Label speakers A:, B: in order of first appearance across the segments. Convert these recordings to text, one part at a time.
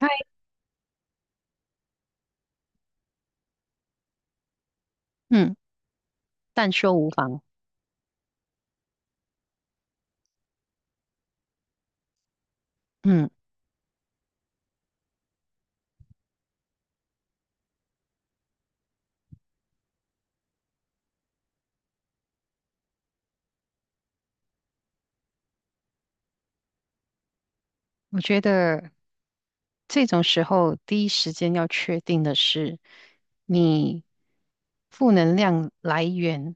A: 嗨，嗯，但说无妨。嗯，我觉得这种时候第一时间要确定的是你负能量来源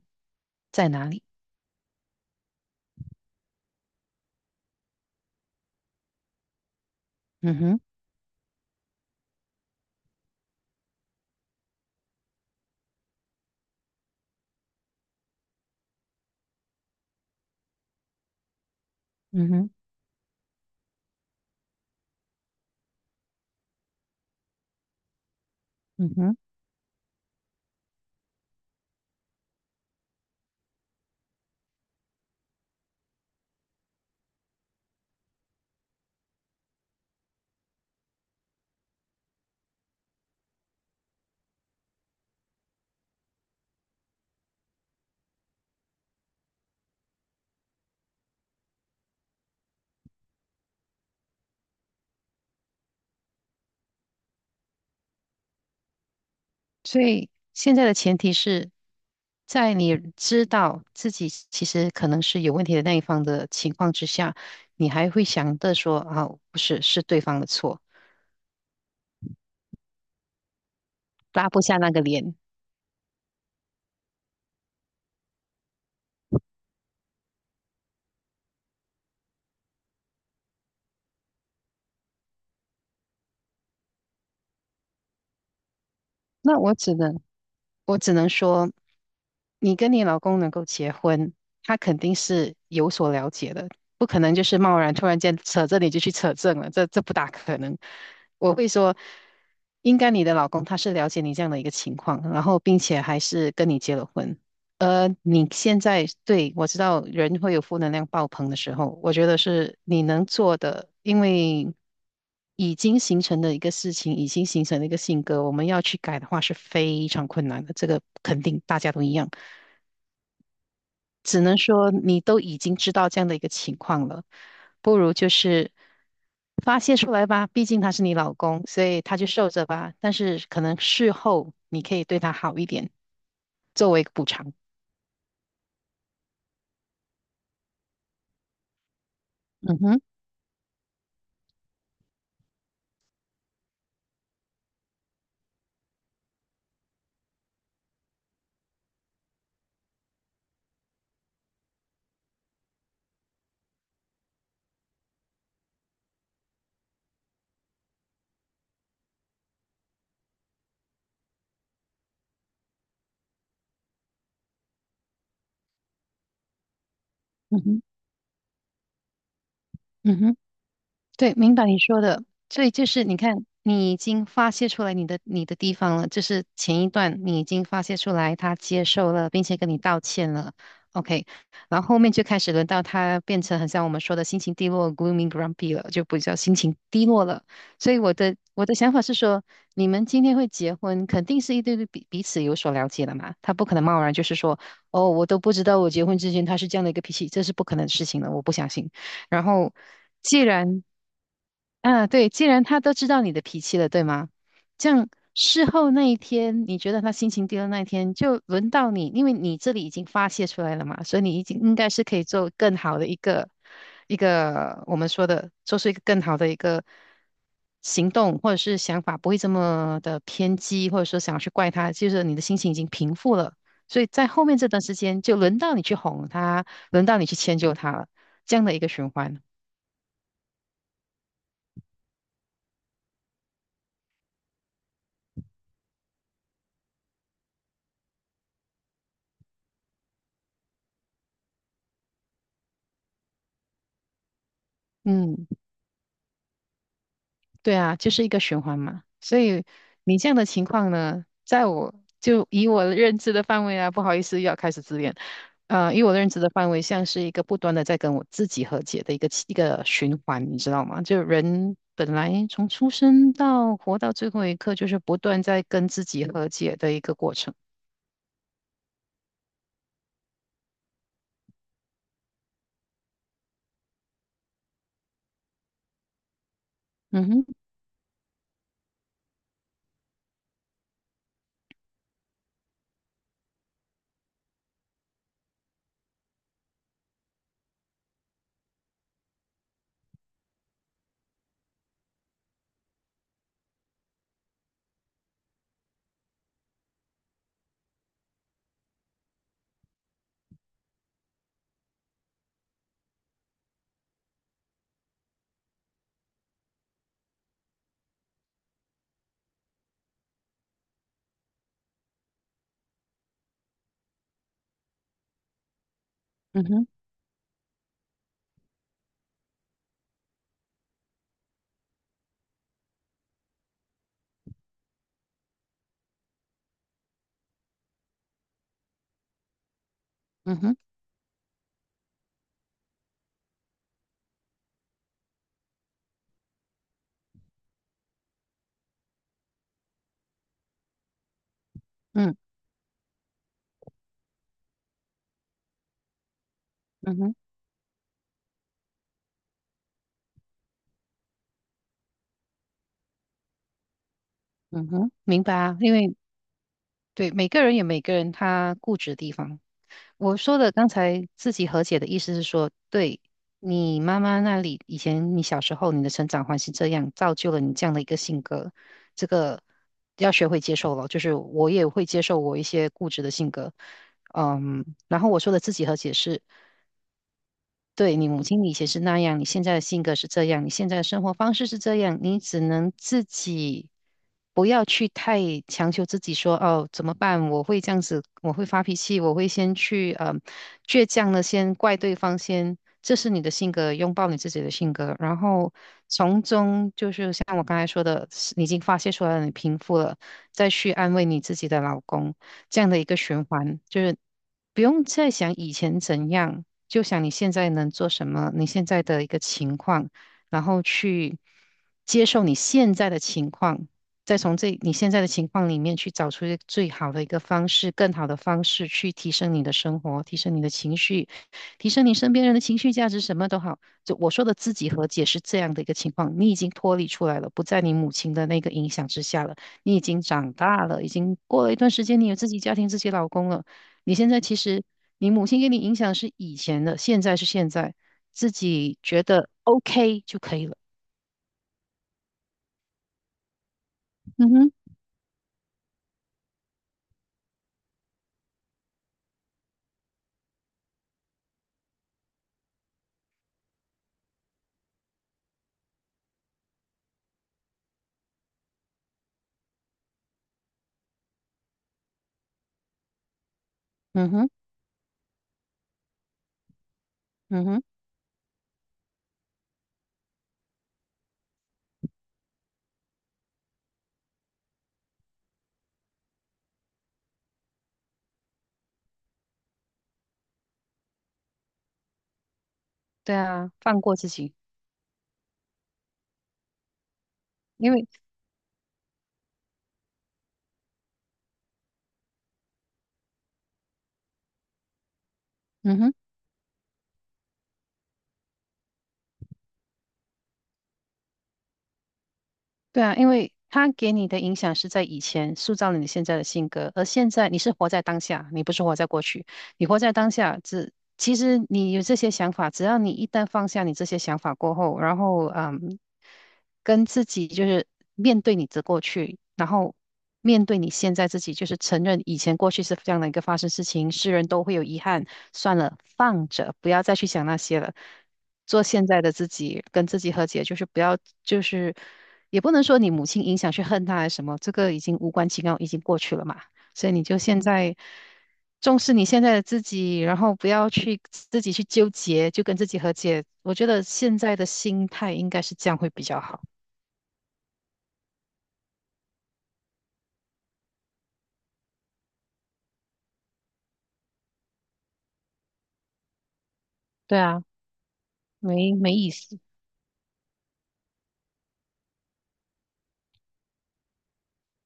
A: 在哪里。嗯哼，嗯哼，嗯哼。所以现在的前提是在你知道自己其实可能是有问题的那一方的情况之下，你还会想着说啊，不是，是对方的错，拉不下那个脸。那我只能，我只能说。你跟你老公能够结婚，他肯定是有所了解的，不可能就是贸然突然间扯这你就去扯证了，这不大可能。我会说，应该你的老公他是了解你这样的一个情况，然后并且还是跟你结了婚。你现在对我知道人会有负能量爆棚的时候，我觉得是你能做的，因为已经形成的一个事情，已经形成的一个性格，我们要去改的话是非常困难的，这个肯定大家都一样。只能说你都已经知道这样的一个情况了，不如就是发泄出来吧，毕竟他是你老公，所以他就受着吧。但是可能事后你可以对他好一点，作为一个补偿。嗯哼，嗯哼，嗯哼。对，明白你说的。所以就是你看，你已经发泄出来你的地方了，就是前一段你已经发泄出来，他接受了，并且跟你道歉了，OK。然后后面就开始轮到他变成很像我们说的心情低落（ （gloomy grumpy） 了，就比较心情低落了。所以我的想法是说，你们今天会结婚，肯定是一对对彼此有所了解的嘛，他不可能贸然就是说，哦，我都不知道我结婚之前他是这样的一个脾气，这是不可能的事情了，我不相信。然后，既然啊，对，既然他都知道你的脾气了，对吗？这样事后那一天，你觉得他心情低的那一天，就轮到你，因为你这里已经发泄出来了嘛，所以你已经应该是可以做更好的一个我们说的，做出一个更好的一个行动或者是想法，不会这么的偏激，或者说想要去怪他，就是你的心情已经平复了，所以在后面这段时间，就轮到你去哄他，轮到你去迁就他了，这样的一个循环。嗯。对啊，就是一个循环嘛。所以你这样的情况呢，在我就以我的认知的范围啊，不好意思，又要开始自恋。以我的认知的范围，像是一个不断的在跟我自己和解的一个循环，你知道吗？就人本来从出生到活到最后一刻，就是不断在跟自己和解的一个过程。嗯哼，嗯哼，嗯哼，嗯，嗯哼，嗯哼，明白啊。因为对每个人有每个人他固执的地方。我说的刚才自己和解的意思是说，对你妈妈那里，以前你小时候你的成长环境这样，造就了你这样的一个性格，这个要学会接受了。就是我也会接受我一些固执的性格，嗯，然后我说的自己和解是。对你母亲以前是那样，你现在的性格是这样，你现在的生活方式是这样，你只能自己不要去太强求自己说哦怎么办？我会这样子，我会发脾气，我会先去倔强的先怪对方先，这是你的性格，拥抱你自己的性格，然后从中就是像我刚才说的，你已经发泄出来了，你平复了，再去安慰你自己的老公，这样的一个循环，就是不用再想以前怎样。就想你现在能做什么，你现在的一个情况，然后去接受你现在的情况，再从这你现在的情况里面去找出一个最好的一个方式，更好的方式去提升你的生活，提升你的情绪，提升你身边人的情绪价值，什么都好。就我说的自己和解是这样的一个情况，你已经脱离出来了，不在你母亲的那个影响之下了，你已经长大了，已经过了一段时间，你有自己家庭、自己老公了。你现在其实，你母亲给你影响是以前的，现在是现在，自己觉得 OK 就可以了。嗯哼，嗯哼，嗯哼，对啊，放过自己，因为，嗯哼，对啊，因为他给你的影响是在以前塑造了你现在的性格，而现在你是活在当下，你不是活在过去。你活在当下，只其实你有这些想法，只要你一旦放下你这些想法过后，然后嗯，跟自己就是面对你的过去，然后面对你现在自己，就是承认以前过去是这样的一个发生事情，世人都会有遗憾，算了，放着，不要再去想那些了。做现在的自己，跟自己和解，就是不要，就是也不能说你母亲影响去恨他还是什么，这个已经无关紧要，已经过去了嘛。所以你就现在重视你现在的自己，然后不要去自己去纠结，就跟自己和解。我觉得现在的心态应该是这样会比较好。对啊，没没意思。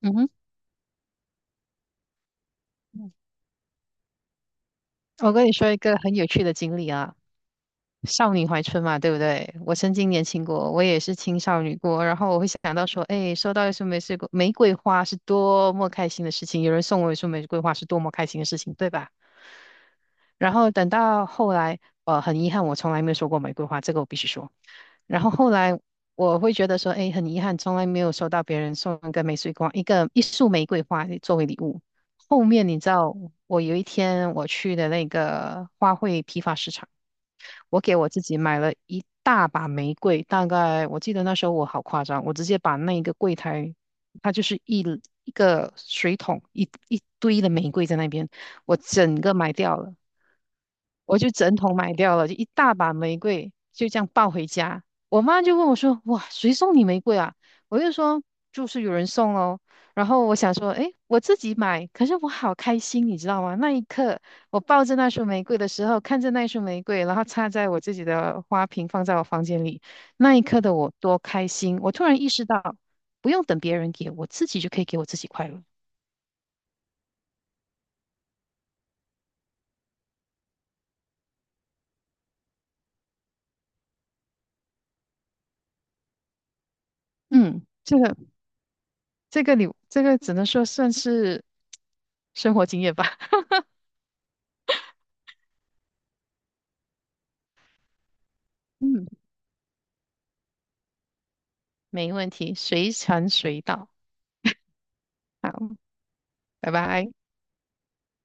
A: 嗯哼，我跟你说一个很有趣的经历啊，少女怀春嘛，对不对？我曾经年轻过，我也是青少女过，然后我会想到说，哎，收到一束玫瑰花是多么开心的事情，有人送我一束玫瑰花是多么开心的事情，对吧？然后等到后来，很遗憾，我从来没有说过玫瑰花，这个我必须说。然后后来我会觉得说，哎，很遗憾，从来没有收到别人送一个玫瑰花，一束玫瑰花作为礼物。后面你知道，我有一天我去的那个花卉批发市场，我给我自己买了一大把玫瑰，大概我记得那时候我好夸张，我直接把那个柜台，它就是一个水桶，一堆的玫瑰在那边，我整个买掉了。我就整桶买掉了，就一大把玫瑰，就这样抱回家。我妈就问我说："哇，谁送你玫瑰啊？"我就说："就是有人送咯。"然后我想说："诶，我自己买，可是我好开心，你知道吗？那一刻，我抱着那束玫瑰的时候，看着那束玫瑰，然后插在我自己的花瓶，放在我房间里，那一刻的我多开心！我突然意识到，不用等别人给我，自己就可以给我自己快乐。嗯，这个你这个只能说算是生活经验吧。嗯，没问题，随传随到。好，拜拜。